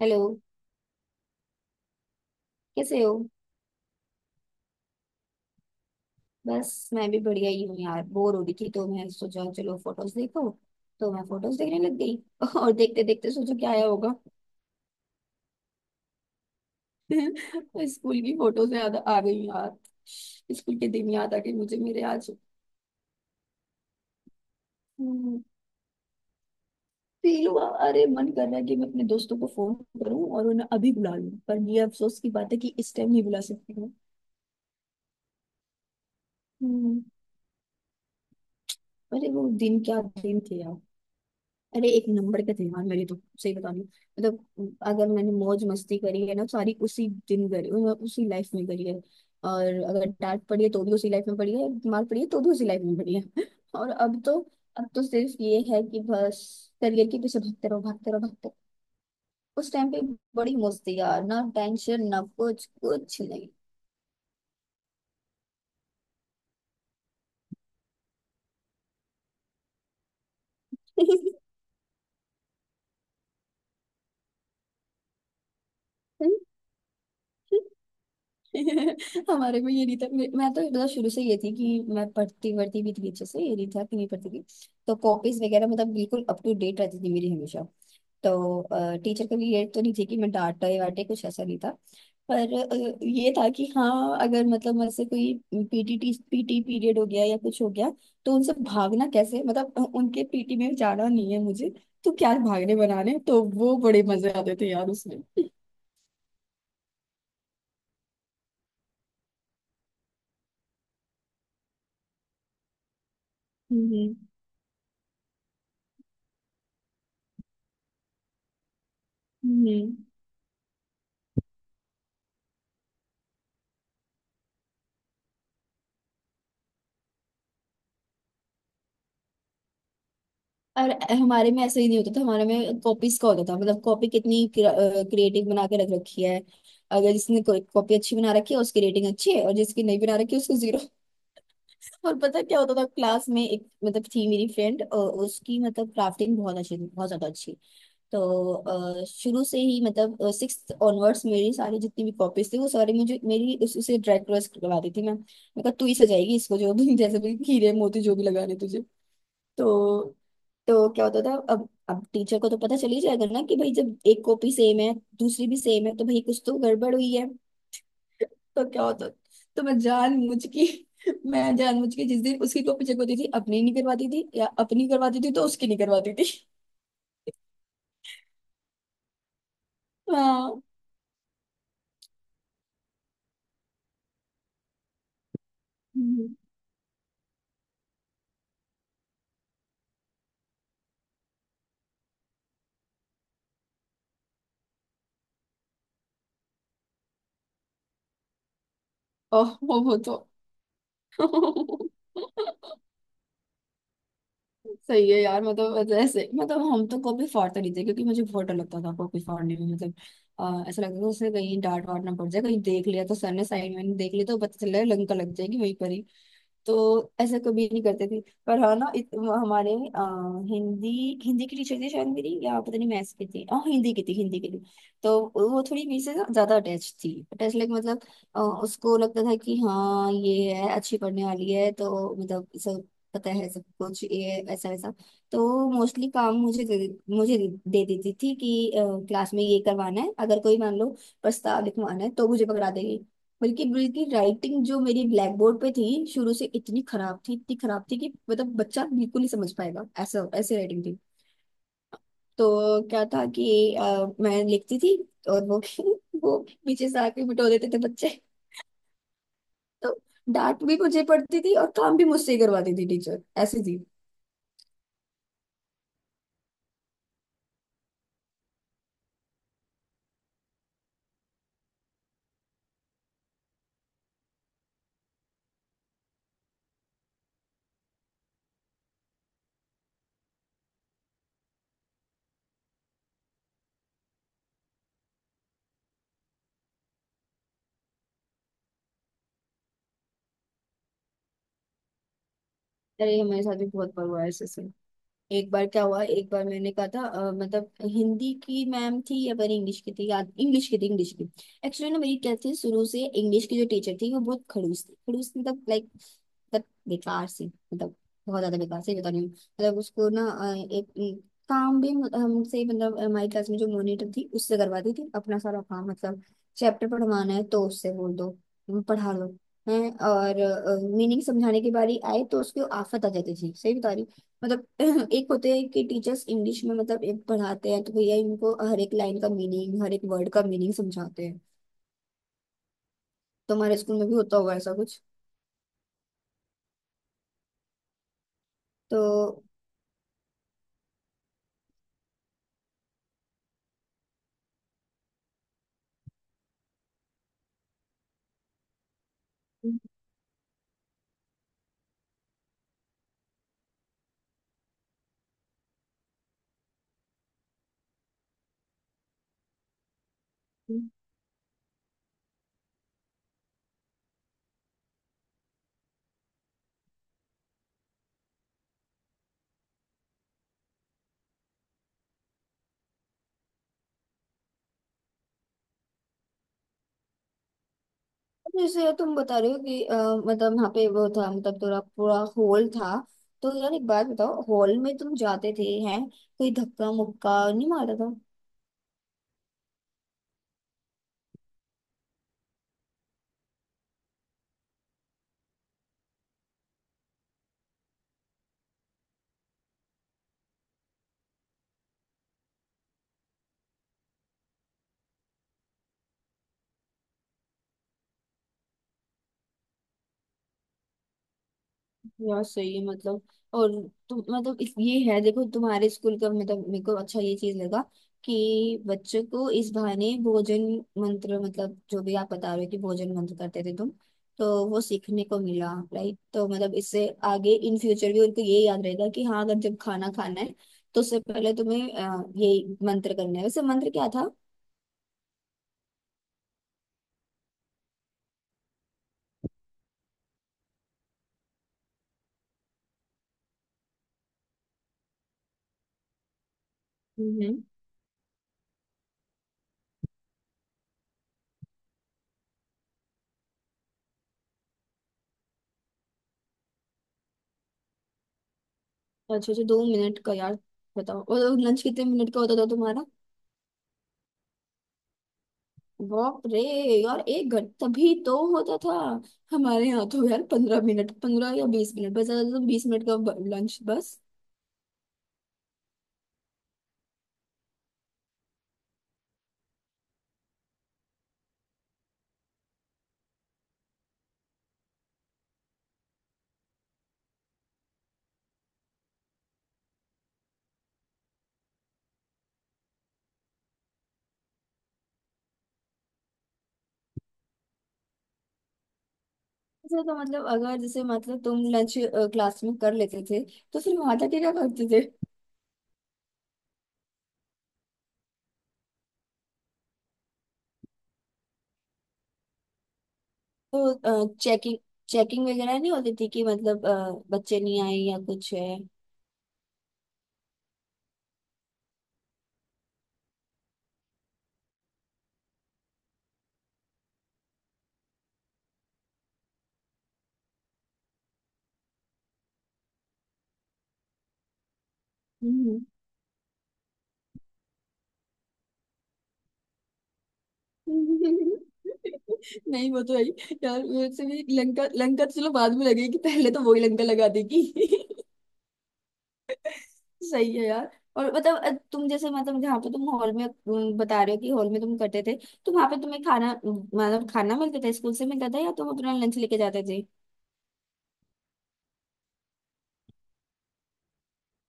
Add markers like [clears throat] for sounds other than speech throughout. Hello. कैसे हो? बस मैं भी बढ़िया ही हूँ यार। बोर हो रही थी तो मैं सोचा चलो फोटोज देखो। तो मैं फोटोज देखने लग गई। [laughs] और देखते देखते सोचो क्या आया होगा। [laughs] स्कूल की फोटोज याद आ गई यार। स्कूल के दिन याद आ गए मुझे मेरे आज। हम्म। फील हुआ। अरे मन कर रहा है कि मैं अपने दोस्तों को फोन करूं और उन्हें अभी बुला लूं, पर ये अफसोस की बात है कि इस टाइम नहीं बुला सकती हूँ। हम्म। अरे वो दिन क्या दिन थे यार। अरे एक नंबर के थे यार मेरे तो, सही बता रही हूँ। मतलब अगर मैंने मौज मस्ती करी है ना सारी उसी दिन करी, उसी लाइफ में करी है। और अगर डांट पड़ी है तो भी उसी लाइफ में पड़ी है, मार पड़ी है तो भी उसी लाइफ में पड़ी है। [laughs] और अब तो, अब तो सिर्फ ये है कि बस करियर के पीछे भागते रहो, भागते रहो, भागते रहो। उस टाइम पे बड़ी मौज थी यार, ना टेंशन ना कुछ, कुछ नहीं। [laughs] [laughs] हमारे में ये नहीं था। मैं तो मतलब शुरू से ये थी कि मैं पढ़ती पढ़ती भी थी अच्छे से, ये नहीं था कि नहीं पढ़ती थी। तो कॉपीज वगैरह मतलब बिल्कुल अप टू डेट रहती थी मेरी हमेशा। तो टीचर कभी ये तो नहीं थी कि मैं डांटे वाटे, कुछ ऐसा नहीं था। पर ये था कि हाँ, अगर मतलब मुझसे कोई पीटी पीटी पीरियड हो गया या कुछ हो गया, तो उनसे भागना कैसे, मतलब उनके पीटी में जाना नहीं है मुझे। तो क्या भागने बनाने, तो वो बड़े मजे आते थे यार उसमें। हम्म। हम्म। और हमारे में ऐसा ही नहीं होता था, हमारे में कॉपीज का होता था। मतलब कॉपी कितनी क्रिएटिव बना के रख रखी है। अगर जिसने कॉपी अच्छी बना रखी है उसकी रेटिंग अच्छी है, और जिसकी नहीं बना रखी है उसको जीरो। [laughs] और पता क्या होता था क्लास में, एक मतलब थी मेरी फ्रेंड, उसकी मतलब क्राफ्टिंग बहुत अच्छी थी, बहुत ज्यादा अच्छी। तो शुरू से ही मतलब सिक्स ऑनवर्ड्स मेरी सारी जितनी भी कॉपीज थी वो सारी मुझे, मेरी उसे ड्राई क्रॉस करवा दी थी। मैं कहा तू ही सजाएगी इसको, जो भी जैसे भी हीरे मोती जो भी लगाने तुझे। तो तो क्या होता था, अब टीचर को तो पता चल ही जाएगा ना कि भाई जब एक कॉपी सेम है, दूसरी भी सेम है तो भाई कुछ तो गड़बड़ हुई है। तो क्या होता, तो मैं जानबूझ के, [laughs] मैं जानबूझ के जिस दिन उसकी कॉपी चेक होती थी अपनी नहीं करवाती थी, या अपनी करवाती थी तो उसकी नहीं करवाती थी। [laughs] हाँ। हम्म। ओह, वो तो। [laughs] सही है यार। मतलब ऐसे, मतलब हम तो कॉपी फाड़ते नहीं थे क्योंकि मुझे बहुत डर लगता था कॉपी फाड़ने में। मतलब ऐसा लगता था उसे, कहीं डांट वाट ना पड़ जाए, कहीं देख लिया तो सर ने साइड में देख लिया तो पता चल रहा है लंका लग जाएगी वहीं पर ही। तो ऐसा कभी नहीं करते थे। पर हाँ ना हमारे आ, हिंदी हिंदी की टीचर थी शायद मेरी, या पता नहीं मैथ्स की थी, हाँ हिंदी की थी, हिंदी की थी। तो वो थोड़ी मेरे से ना ज्यादा अटैच थी, अटैच लाइक मतलब उसको लगता था कि हाँ ये है अच्छी पढ़ने वाली है, तो मतलब सब पता है सब कुछ ये ऐसा वैसा। तो मोस्टली काम मुझे दे देती थी कि क्लास में ये करवाना है, अगर कोई मान लो प्रस्ताव लिखवाना है तो मुझे पकड़ा देगी। बल्कि बल्कि राइटिंग जो मेरी ब्लैक बोर्ड पे थी शुरू से इतनी खराब थी, इतनी खराब थी कि मतलब बच्चा बिल्कुल नहीं समझ पाएगा, ऐसा ऐसी राइटिंग थी। तो क्या था कि मैं लिखती थी और वो [laughs] वो पीछे से आके बिठो देते थे बच्चे। तो डांट भी मुझे पड़ती थी और काम भी मुझसे ही करवाती थी, टीचर ऐसी थी। अरे हमारे साथ भी बहुत बार हुआ है ऐसे ऐसे। एक बार क्या हुआ, एक बार मैंने कहा था मतलब हिंदी की मैम थी या पता इंग्लिश की थी, याद इंग्लिश की थी, इंग्लिश की। एक्चुअली ना मेरी क्या थी, शुरू से इंग्लिश की जो टीचर थी वो बहुत खड़ूस थी, खड़ूस मतलब लाइक मतलब बेकार सी, मतलब बहुत ज्यादा बेकार सी बता रही हूँ। मतलब उसको ना एक एक काम भी हमसे, मतलब हमारी क्लास में जो मॉनिटर थी उससे करवाती थी अपना सारा काम। मतलब चैप्टर पढ़वाना है तो उससे बोल दो पढ़ा लो। हैं, और मीनिंग समझाने की बारी आए तो उसको आफत आ जाती थी, सही बता रही हूँ। मतलब [clears throat] [laughs] एक होते हैं कि टीचर्स इंग्लिश में मतलब एक पढ़ाते हैं तो भैया इनको हर एक लाइन का मीनिंग, हर एक वर्ड का मीनिंग समझाते हैं। तो हमारे स्कूल में भी होता होगा ऐसा कुछ तो। हम्म। जैसे तुम बता रहे हो कि मतलब वहाँ पे वो था, मतलब थोड़ा पूरा हॉल था। तो यार एक बात बताओ, हॉल में तुम जाते थे, हैं कोई धक्का मुक्का नहीं मारता था? यार सही है मतलब। और तुम मतलब इस ये है देखो, तुम्हारे स्कूल का मतलब मेरे को अच्छा ये चीज लगा कि बच्चों को इस बहाने भोजन मंत्र, मतलब जो भी आप बता रहे हो कि भोजन मंत्र करते थे तुम, तो वो सीखने को मिला, राइट? तो मतलब इससे आगे इन फ्यूचर भी उनको ये याद रहेगा कि हाँ अगर जब खाना खाना है तो उससे पहले तुम्हें ये मंत्र करना है। वैसे मंत्र क्या था? हम्म। अच्छा अच्छा, 2 मिनट का यार! बताओ, और लंच कितने मिनट का होता था तुम्हारा? बाप रे! यार 1 घंटा, तभी तो होता था। हमारे यहाँ तो यार 15 मिनट, 15 या 20 मिनट बस, ज्यादा तो 20 मिनट का लंच बस। अच्छा, तो मतलब अगर जैसे मतलब तुम लंच क्लास में कर लेते थे तो फिर वहां जाके क्या करते थे? तो चेकिंग, चेकिंग वगैरह नहीं होती थी कि मतलब बच्चे नहीं आए या कुछ है? हम्म। [laughs] नहीं, वो तो है ही। यार वैसे भी, लंका लंका तो चलो बाद में लगेगी, पहले तो वही लंका लगा देगी। सही है यार। और मतलब तुम जैसे मतलब जहाँ पे तुम हॉल में बता रहे हो कि हॉल में तुम करते थे, तो वहां पे तुम्हें खाना मतलब खाना मिलता था, स्कूल से मिलता था या तुम अपना लंच लेके जाते थे?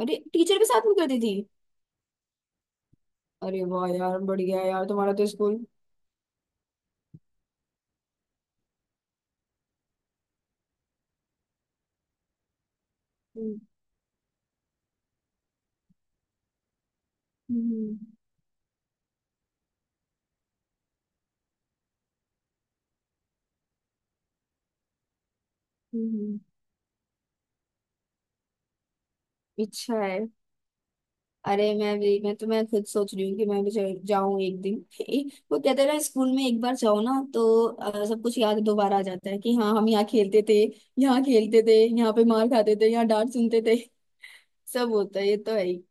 अरे, टीचर भी साथ में करती थी? अरे वाह यार, बढ़िया है यार तुम्हारा तो स्कूल। हम्म। हम्म, हम्म। अच्छा है। अरे मैं भी, मैं खुद सोच रही हूँ कि मैं भी जाऊँ एक दिन। [laughs] वो कहते हैं ना, स्कूल में एक बार जाओ ना तो सब कुछ याद दोबारा आ जाता है कि हाँ हम यहाँ खेलते थे, यहाँ खेलते थे, यहाँ पे मार खाते थे, यहाँ डांट सुनते थे। सब होता है, ये तो है ही।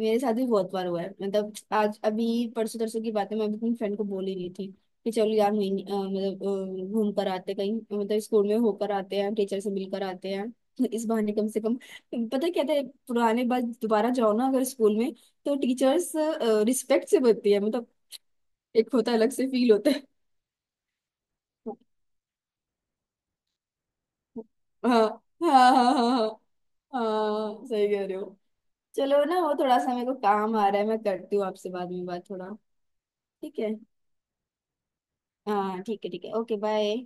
मेरे साथ भी बहुत बार हुआ है मतलब, आज अभी परसों तरसों की बात है, मैं अभी अपनी फ्रेंड को बोल ही रही थी कि चलो यार महीने मतलब घूम कर आते कहीं, मतलब स्कूल में होकर आते हैं, टीचर से मिलकर आते हैं। [laughs] इस बहाने कम से कम पता क्या था, पुराने बात दोबारा जाओ ना अगर स्कूल में, तो टीचर्स रिस्पेक्ट से बोलती है, मतलब एक होता है अलग से फील होता है। [laughs] हाँ, हाँ, हाँ, हाँ। हाँ, हाँ, सही कह रहे हो। चलो ना, वो थोड़ा सा मेरे को काम आ रहा है, मैं करती हूँ आपसे बाद में बात, थोड़ा। ठीक है। हाँ ठीक है, ठीक है, ओके बाय।